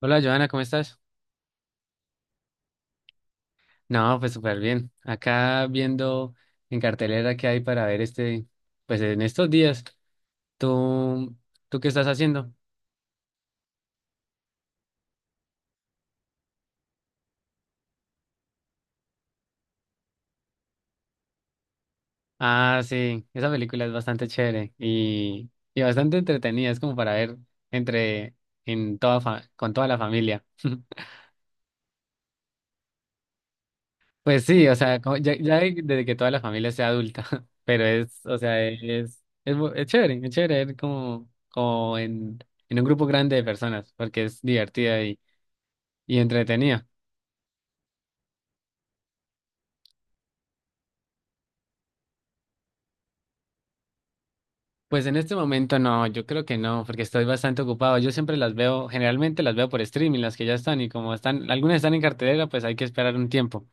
Hola Joana, ¿cómo estás? No, pues súper bien. Acá viendo en cartelera qué hay para ver pues en estos días. ¿Tú, ¿Tú qué estás haciendo? Ah, sí, esa película es bastante chévere y bastante entretenida. Es como para ver entre, en con toda la familia. Pues sí, o sea, como ya desde que toda la familia sea adulta. Pero es, o sea, es, bu- es chévere ver en un grupo grande de personas, porque es divertida y entretenida. Pues en este momento no, yo creo que no, porque estoy bastante ocupado. Yo siempre las veo, generalmente las veo por streaming, las que ya están, y como están, algunas están en cartelera, pues hay que esperar un tiempo.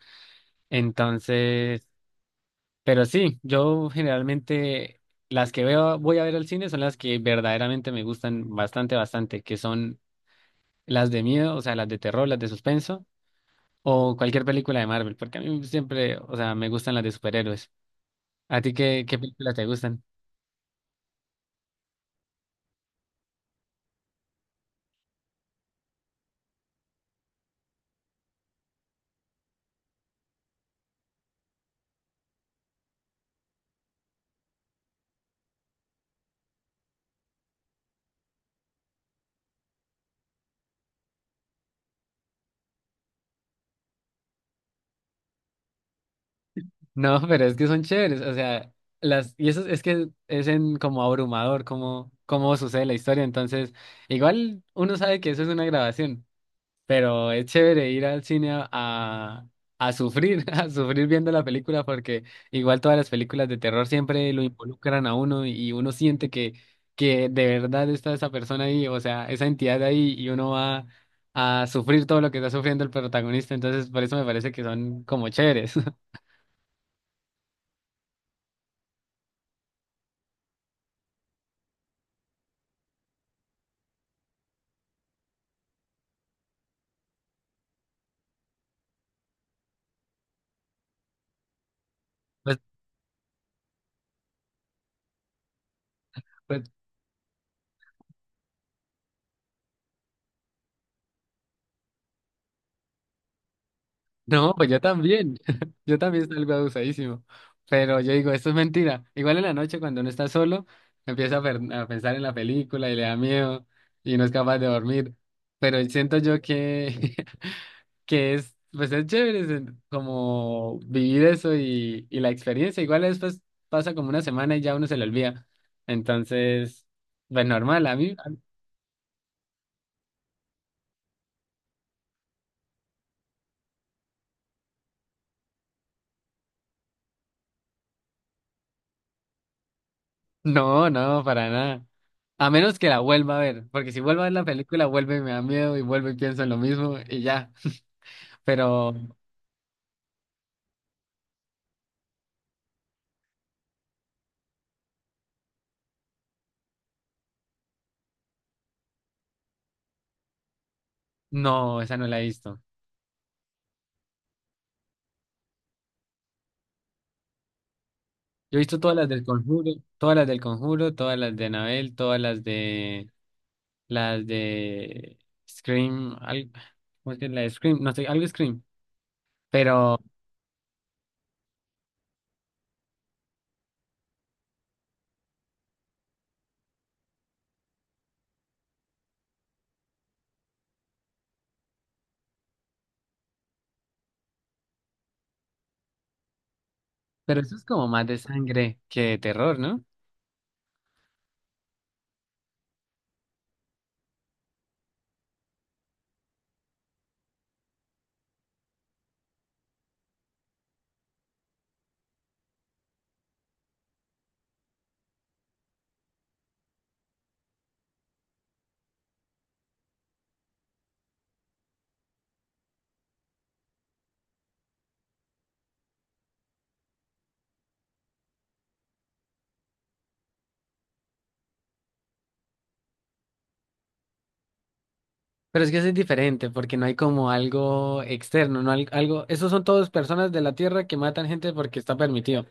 Entonces, pero sí, yo generalmente las que veo, voy a ver al cine son las que verdaderamente me gustan bastante, bastante, que son las de miedo, o sea, las de terror, las de suspenso, o cualquier película de Marvel, porque a mí siempre, o sea, me gustan las de superhéroes. ¿A ti qué películas te gustan? No, pero es que son chéveres, o sea, y eso es que es en como abrumador cómo sucede la historia, entonces, igual uno sabe que eso es una grabación, pero es chévere ir al cine a sufrir, a sufrir viendo la película, porque igual todas las películas de terror siempre lo involucran a uno y uno siente que de verdad está esa persona ahí, o sea, esa entidad ahí, y uno va a sufrir todo lo que está sufriendo el protagonista, entonces por eso me parece que son como chéveres. Pues, No, pues yo también. Yo también salgo abusadísimo. Pero yo digo, esto es mentira. Igual en la noche cuando uno está solo, empieza a pensar en la película y le da miedo y no es capaz de dormir. Pero siento yo que, pues es chévere es como vivir eso y la experiencia. Igual después pasa como una semana y ya uno se le olvida. Entonces, pues normal. A mí, no, no, para nada. A menos que la vuelva a ver, porque si vuelvo a ver la película, vuelve y me da miedo y vuelvo y pienso en lo mismo y ya. Pero no, esa no la he visto. Yo he visto todas las del Conjuro, todas las del Conjuro, todas las de Anabel, todas las de Scream, ¿cómo es que es la de Scream? No sé, algo Scream. Pero, pero eso es como más de sangre que de terror, ¿no? Pero es que eso es diferente, porque no hay como algo externo, no hay algo. Esos son todos personas de la Tierra que matan gente porque está permitido.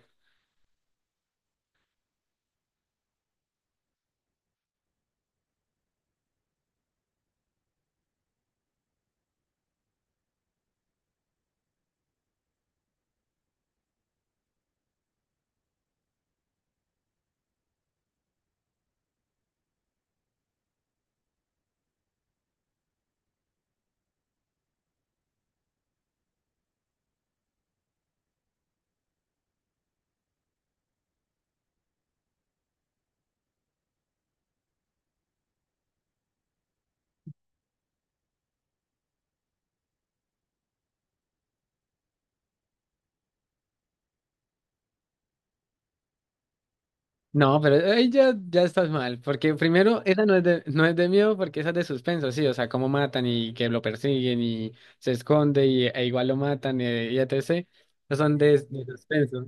No, pero ahí ya, ya estás mal, porque primero, esa no es no es de miedo, porque esa es de suspenso, sí, o sea, cómo matan y que lo persiguen y se esconde e igual lo matan etc. Esos son de suspenso.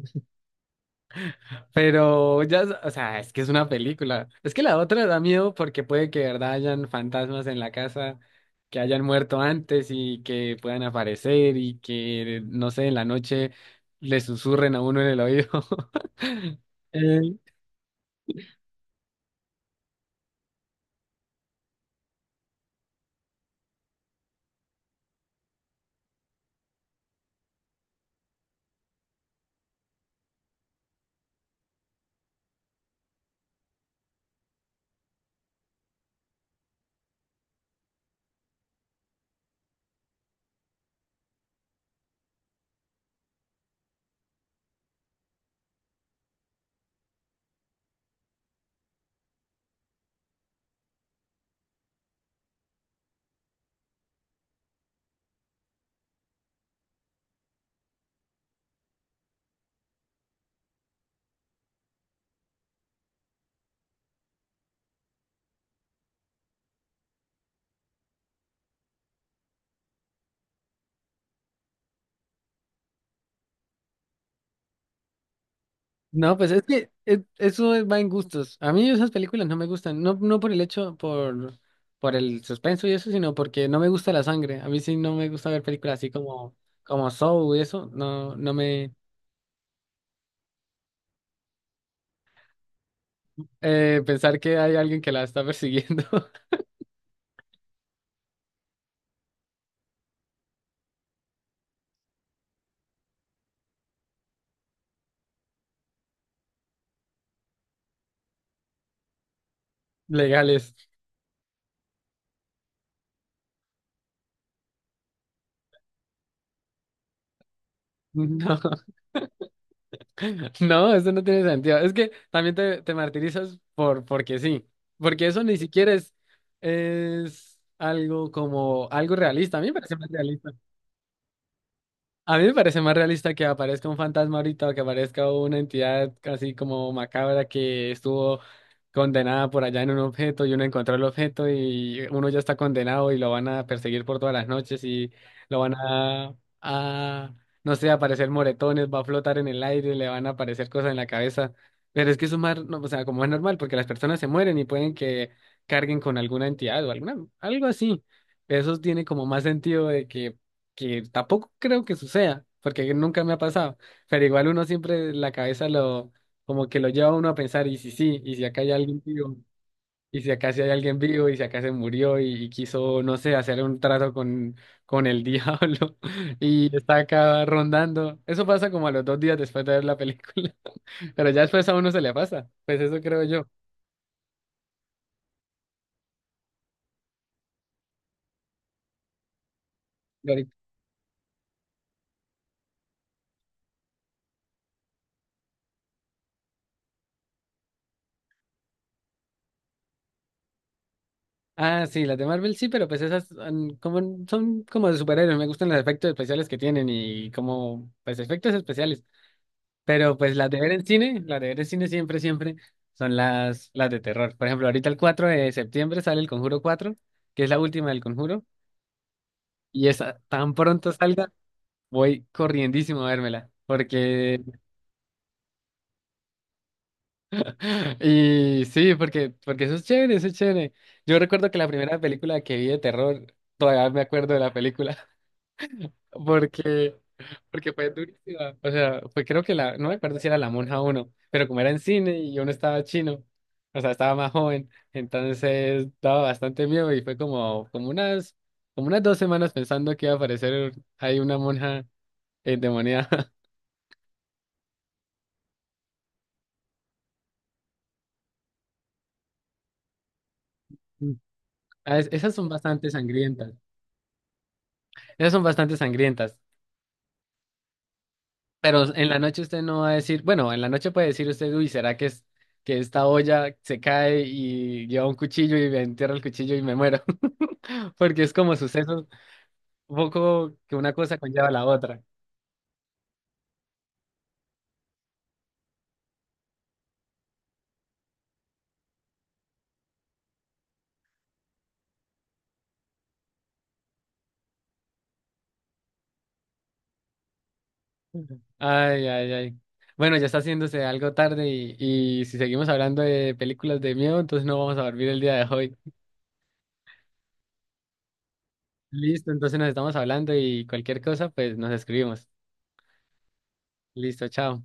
Pero ya, o sea, es que es una película. Es que la otra da miedo porque puede que de verdad hayan fantasmas en la casa que hayan muerto antes y que puedan aparecer y que, no sé, en la noche le susurren a uno en el oído. Eh, no, pues es que eso va en gustos. A mí esas películas no me gustan, no, no por el hecho, por el suspenso y eso, sino porque no me gusta la sangre. A mí sí no me gusta ver películas así como Saw y eso, no, no me eh, pensar que hay alguien que la está persiguiendo. Legales. No, no, eso no tiene sentido. Es que también te martirizas por porque sí. Porque eso ni siquiera es algo como algo realista. A mí me parece más realista. A mí me parece más realista que aparezca un fantasma ahorita o que aparezca una entidad así como macabra que estuvo condenada por allá en un objeto y uno encontró el objeto y uno ya está condenado y lo van a perseguir por todas las noches y lo van a no sé, aparecer moretones, va a flotar en el aire, le van a aparecer cosas en la cabeza. Pero es que eso es más, no, o sea, como es normal, porque las personas se mueren y pueden que carguen con alguna entidad o alguna, algo así. Eso tiene como más sentido de que tampoco creo que suceda, porque nunca me ha pasado, pero igual uno siempre la cabeza como que lo lleva a uno a pensar, y si sí, y si acá hay alguien vivo, y si acá sí hay alguien vivo, y si acá se murió y quiso, no sé, hacer un trato con el diablo, y está acá rondando. Eso pasa como a los 2 días después de ver la película, pero ya después a uno se le pasa, pues eso creo yo. Ah, sí, las de Marvel sí, pero pues esas como, son como de superhéroes. Me gustan los efectos especiales que tienen pues efectos especiales. Pero pues las de ver en cine, las de ver en cine, siempre, siempre son las de terror. Por ejemplo, ahorita el 4 de septiembre sale el Conjuro 4, que es la última del Conjuro. Y esa tan pronto salga, voy corriendísimo a vérmela. Y sí, porque eso es chévere, eso es chévere. Yo recuerdo que la primera película que vi de terror, todavía me acuerdo de la película. Porque, porque fue durísima. O sea, fue creo que la, no me acuerdo si era La Monja uno, pero como era en cine y yo no estaba chino, o sea, estaba más joven, entonces daba bastante miedo y fue como unas 2 semanas pensando que iba a aparecer ahí una monja endemoniada. Mm. Esas son bastante sangrientas. Esas son bastante sangrientas. Pero en la noche usted no va a decir, bueno, en la noche puede decir usted, uy, ¿será que es que esta olla se cae y lleva un cuchillo y me entierra el cuchillo y me muero? Porque es como sucesos, un poco que una cosa conlleva a la otra. Ay, ay, ay. Bueno, ya está haciéndose algo tarde y si seguimos hablando de películas de miedo, entonces no vamos a dormir el día de hoy. Listo, entonces nos estamos hablando y cualquier cosa, pues nos escribimos. Listo, chao.